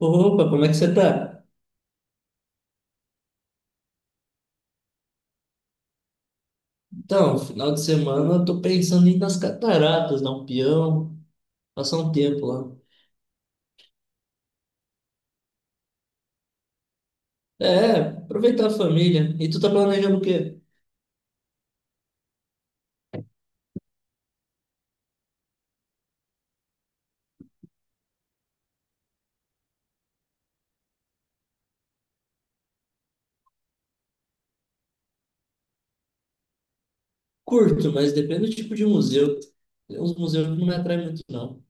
Opa, como é que você tá? Então, final de semana eu tô pensando em ir nas cataratas, dar um peão, passar um tempo lá. É, aproveitar a família. E tu tá planejando o quê? Curto, mas depende do tipo de museu. Tem uns museus que não me atraem muito, não.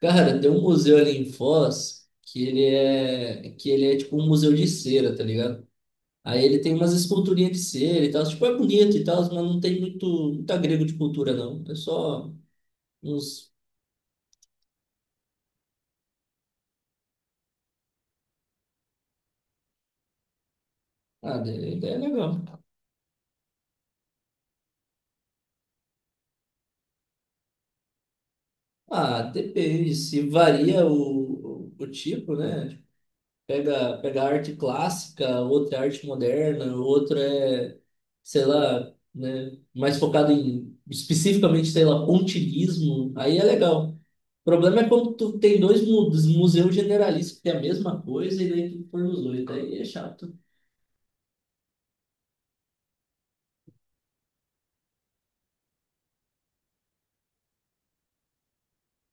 Cara, tem um museu ali em Foz que ele é, tipo um museu de cera, tá ligado? Aí ele tem umas esculturinhas de cera e tal. Tipo, é bonito e tal, mas não tem muito, muito agrego de cultura, não. É só uns... Ah, é legal. Ah, depende, se varia o tipo, né? Tipo, pega arte clássica, outra é arte moderna, outra é, sei lá, né? Mais focado em, especificamente, sei lá, pontilhismo, aí é legal. O problema é quando tu tem dois museus generalistas que tem a mesma coisa e daí tu põe os dois, daí é chato.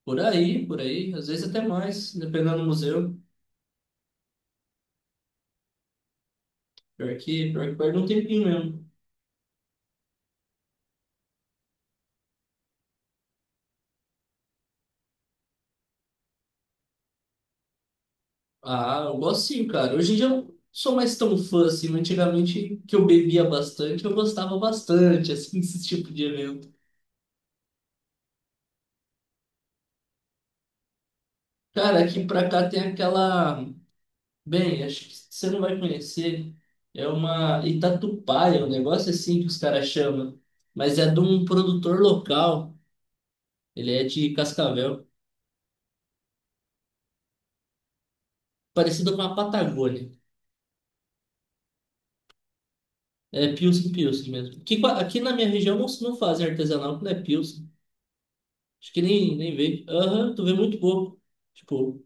Por aí, às vezes até mais, dependendo do museu. pior que perde um tempinho mesmo. Ah, eu gosto sim, cara. Hoje em dia eu não sou mais tão fã assim, mas antigamente, que eu bebia bastante, eu gostava bastante, assim, desse tipo de evento. Cara, aqui pra cá tem aquela. Bem, acho que você não vai conhecer. É uma Itatupaia, um negócio assim que os caras chamam. Mas é de um produtor local. Ele é de Cascavel, parecido com a Patagônia. É Pilsen, Pilsen mesmo. Aqui, aqui na minha região não, fazem artesanal, não é Pilsen. Acho que nem vê. Aham, tu vê muito pouco. Tipo,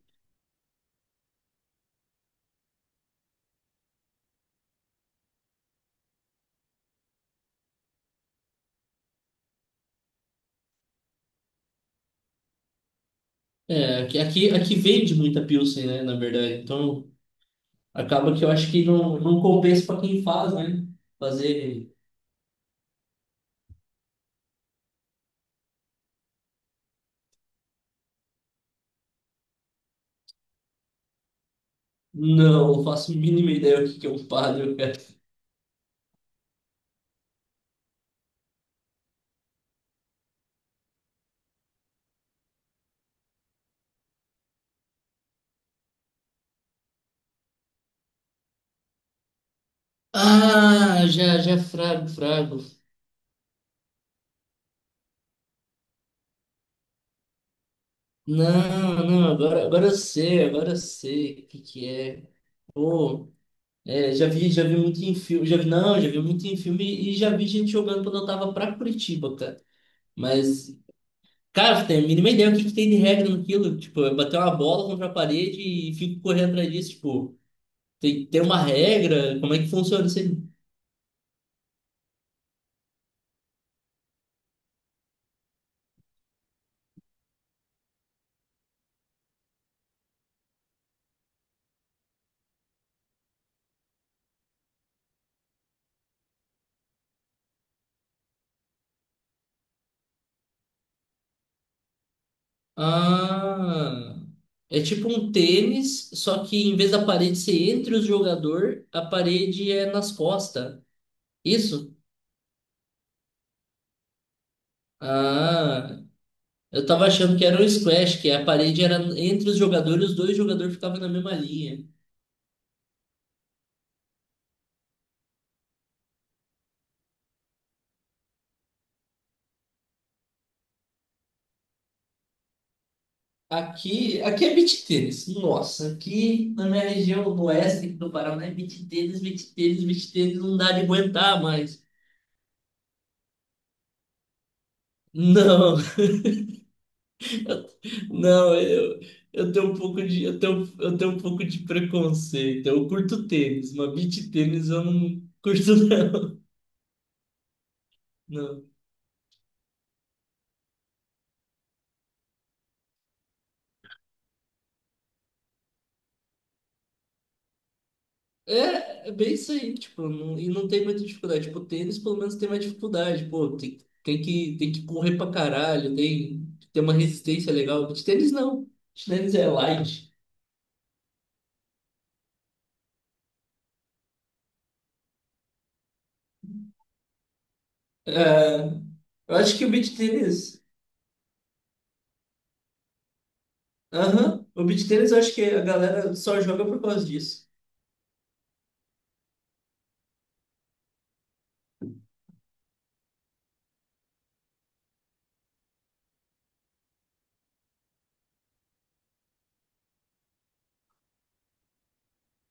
é, aqui vende muita Pilsen, né, na verdade. Então, acaba que eu acho que não compensa para quem faz, né? Fazer. Não, eu faço a mínima ideia o que que é um Paddle, cara. Ah, já, já, frago, frago. Não, não, agora eu sei o que que é. Pô, é, já vi muito em filme, já vi, não, já vi muito em filme e já vi gente jogando quando eu tava pra Curitiba, cara. Mas... Cara, você tem a mínima ideia o que, que tem de regra naquilo? Tipo, é bater uma bola contra a parede e fico correndo atrás disso. Tipo, tem uma regra? Como é que funciona isso aí? Ah, é tipo um tênis, só que em vez da parede ser entre os jogadores, a parede é nas costas. Isso? Ah, eu tava achando que era um squash, que a parede era entre os jogadores, os dois jogadores ficavam na mesma linha. aqui, é beach tênis. Nossa, aqui na minha região no oeste do Paraná é beach tênis, beach tênis, beach tênis, não dá de aguentar mais. Não, não, eu tenho um pouco de, eu tenho um pouco de preconceito. Eu curto tênis, mas beach tênis eu não curto não. É bem isso aí, tipo, e não tem muita dificuldade. Tipo, tênis pelo menos tem mais dificuldade, pô, tem, tem que correr pra caralho, tem, tem, uma resistência legal. De tênis não, de tênis é light. É, eu acho que o beach tênis. Aham. O beach tênis eu acho que a galera só joga por causa disso.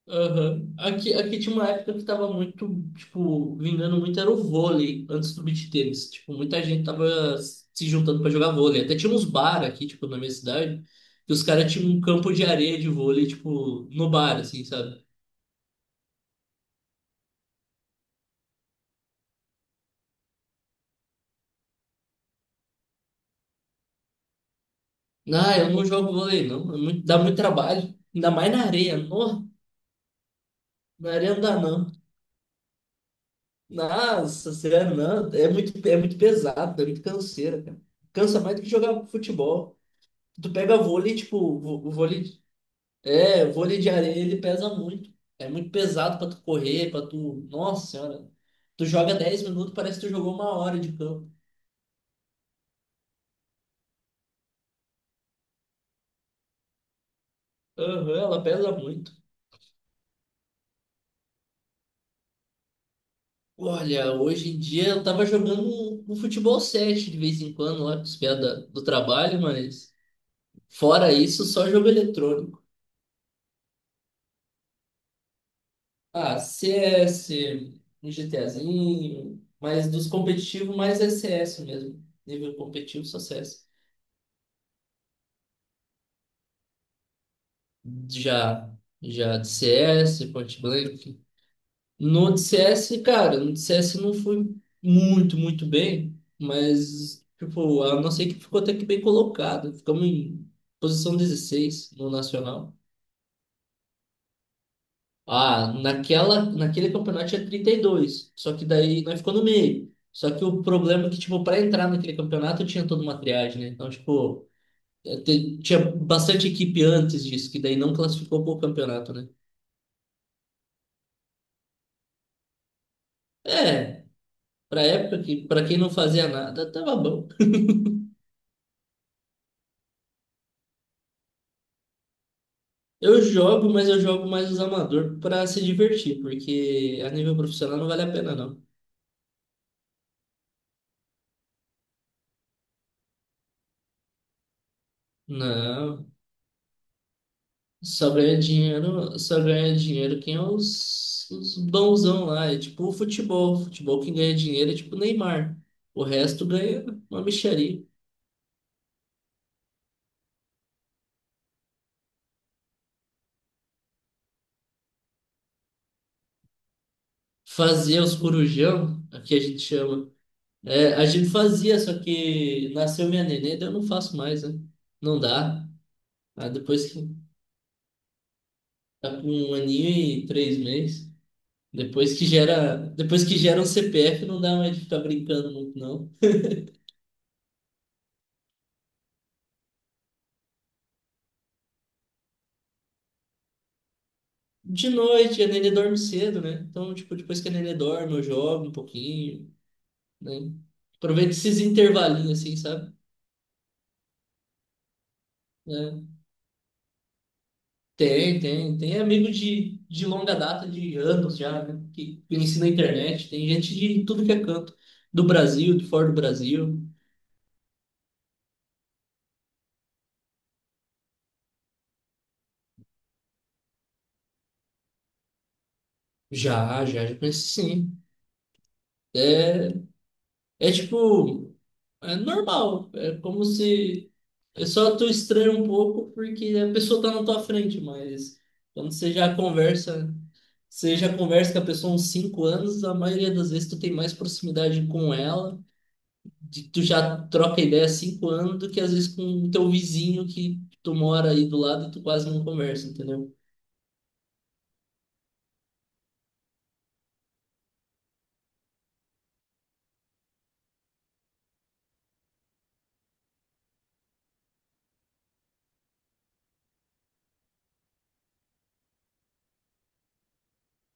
Aham. aqui tinha uma época que tava muito, tipo, vingando muito era o vôlei antes do beach tênis. Tipo, muita gente tava se juntando pra jogar vôlei. Até tinha uns bar aqui, tipo, na minha cidade, que os caras tinham um campo de areia de vôlei, tipo, no bar, assim, sabe? Ah, eu não jogo vôlei, não. É dá muito trabalho. Ainda mais na areia. Não, na areia não dá, não. Nossa, sério, não. é muito, pesado, é muito canseira, cara. Cansa mais do que jogar futebol. Tu pega vôlei, tipo, vôlei de areia, ele pesa muito. É muito pesado pra tu correr, pra tu... Nossa senhora. Tu joga 10 minutos, parece que tu jogou uma hora de campo. Aham, ela pesa muito. Olha, hoje em dia eu tava jogando um futebol 7 de vez em quando lá com os pés do trabalho, mas fora isso, só jogo eletrônico. Ah, CS, um GTAzinho, mas dos competitivos mais é CS mesmo. Nível competitivo só CS. Já, já de CS, Point Blank. No de CS, cara, no de CS não fui muito, muito bem, mas, tipo, a nossa equipe ficou até que bem colocada. Ficamos em posição 16 no Nacional. Ah, naquele campeonato tinha 32. Só que daí nós ficou no meio. Só que o problema é que, tipo, para entrar naquele campeonato tinha toda uma triagem, né? Então, tipo, tinha bastante equipe antes disso, que daí não classificou pro campeonato, né? É, pra época que, pra quem não fazia nada, tava bom. Eu jogo, mas eu jogo mais os amador pra se divertir, porque a nível profissional não vale a pena, não. Não. Só ganha dinheiro quem é os bonzão lá. É tipo o futebol. Futebol quem ganha dinheiro é tipo o Neymar. O resto ganha uma mixaria. Fazia os corujão, aqui a gente chama. É, a gente fazia, só que nasceu minha nenê, daí eu não faço mais, né? Não dá. Ah, depois que tá com um aninho e 3 meses. Depois que gera um CPF, não dá mais de ficar brincando muito, não. De noite, a Nenê dorme cedo, né? Então, tipo, depois que a Nenê dorme, eu jogo um pouquinho, né? Aproveito esses intervalinhos, assim, sabe? É. Tem, tem. Tem amigo de longa data, de anos já, né? Que conheci na internet. Tem gente de tudo que é canto. Do Brasil, de fora do Brasil. Já, já, já conheci sim. É, é tipo... É normal. É como se... É só tu estranha um pouco porque a pessoa tá na tua frente, mas... Quando você já conversa... Você já conversa com a pessoa há uns 5 anos, a maioria das vezes tu tem mais proximidade com ela, tu já troca ideia há 5 anos do que às vezes com o teu vizinho que tu mora aí do lado e tu quase não conversa, entendeu?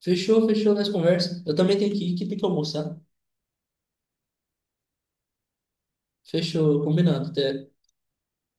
Fechou, fechou, nós conversa. Eu também tenho que ir, que tem que almoçar. Fechou, combinado, até.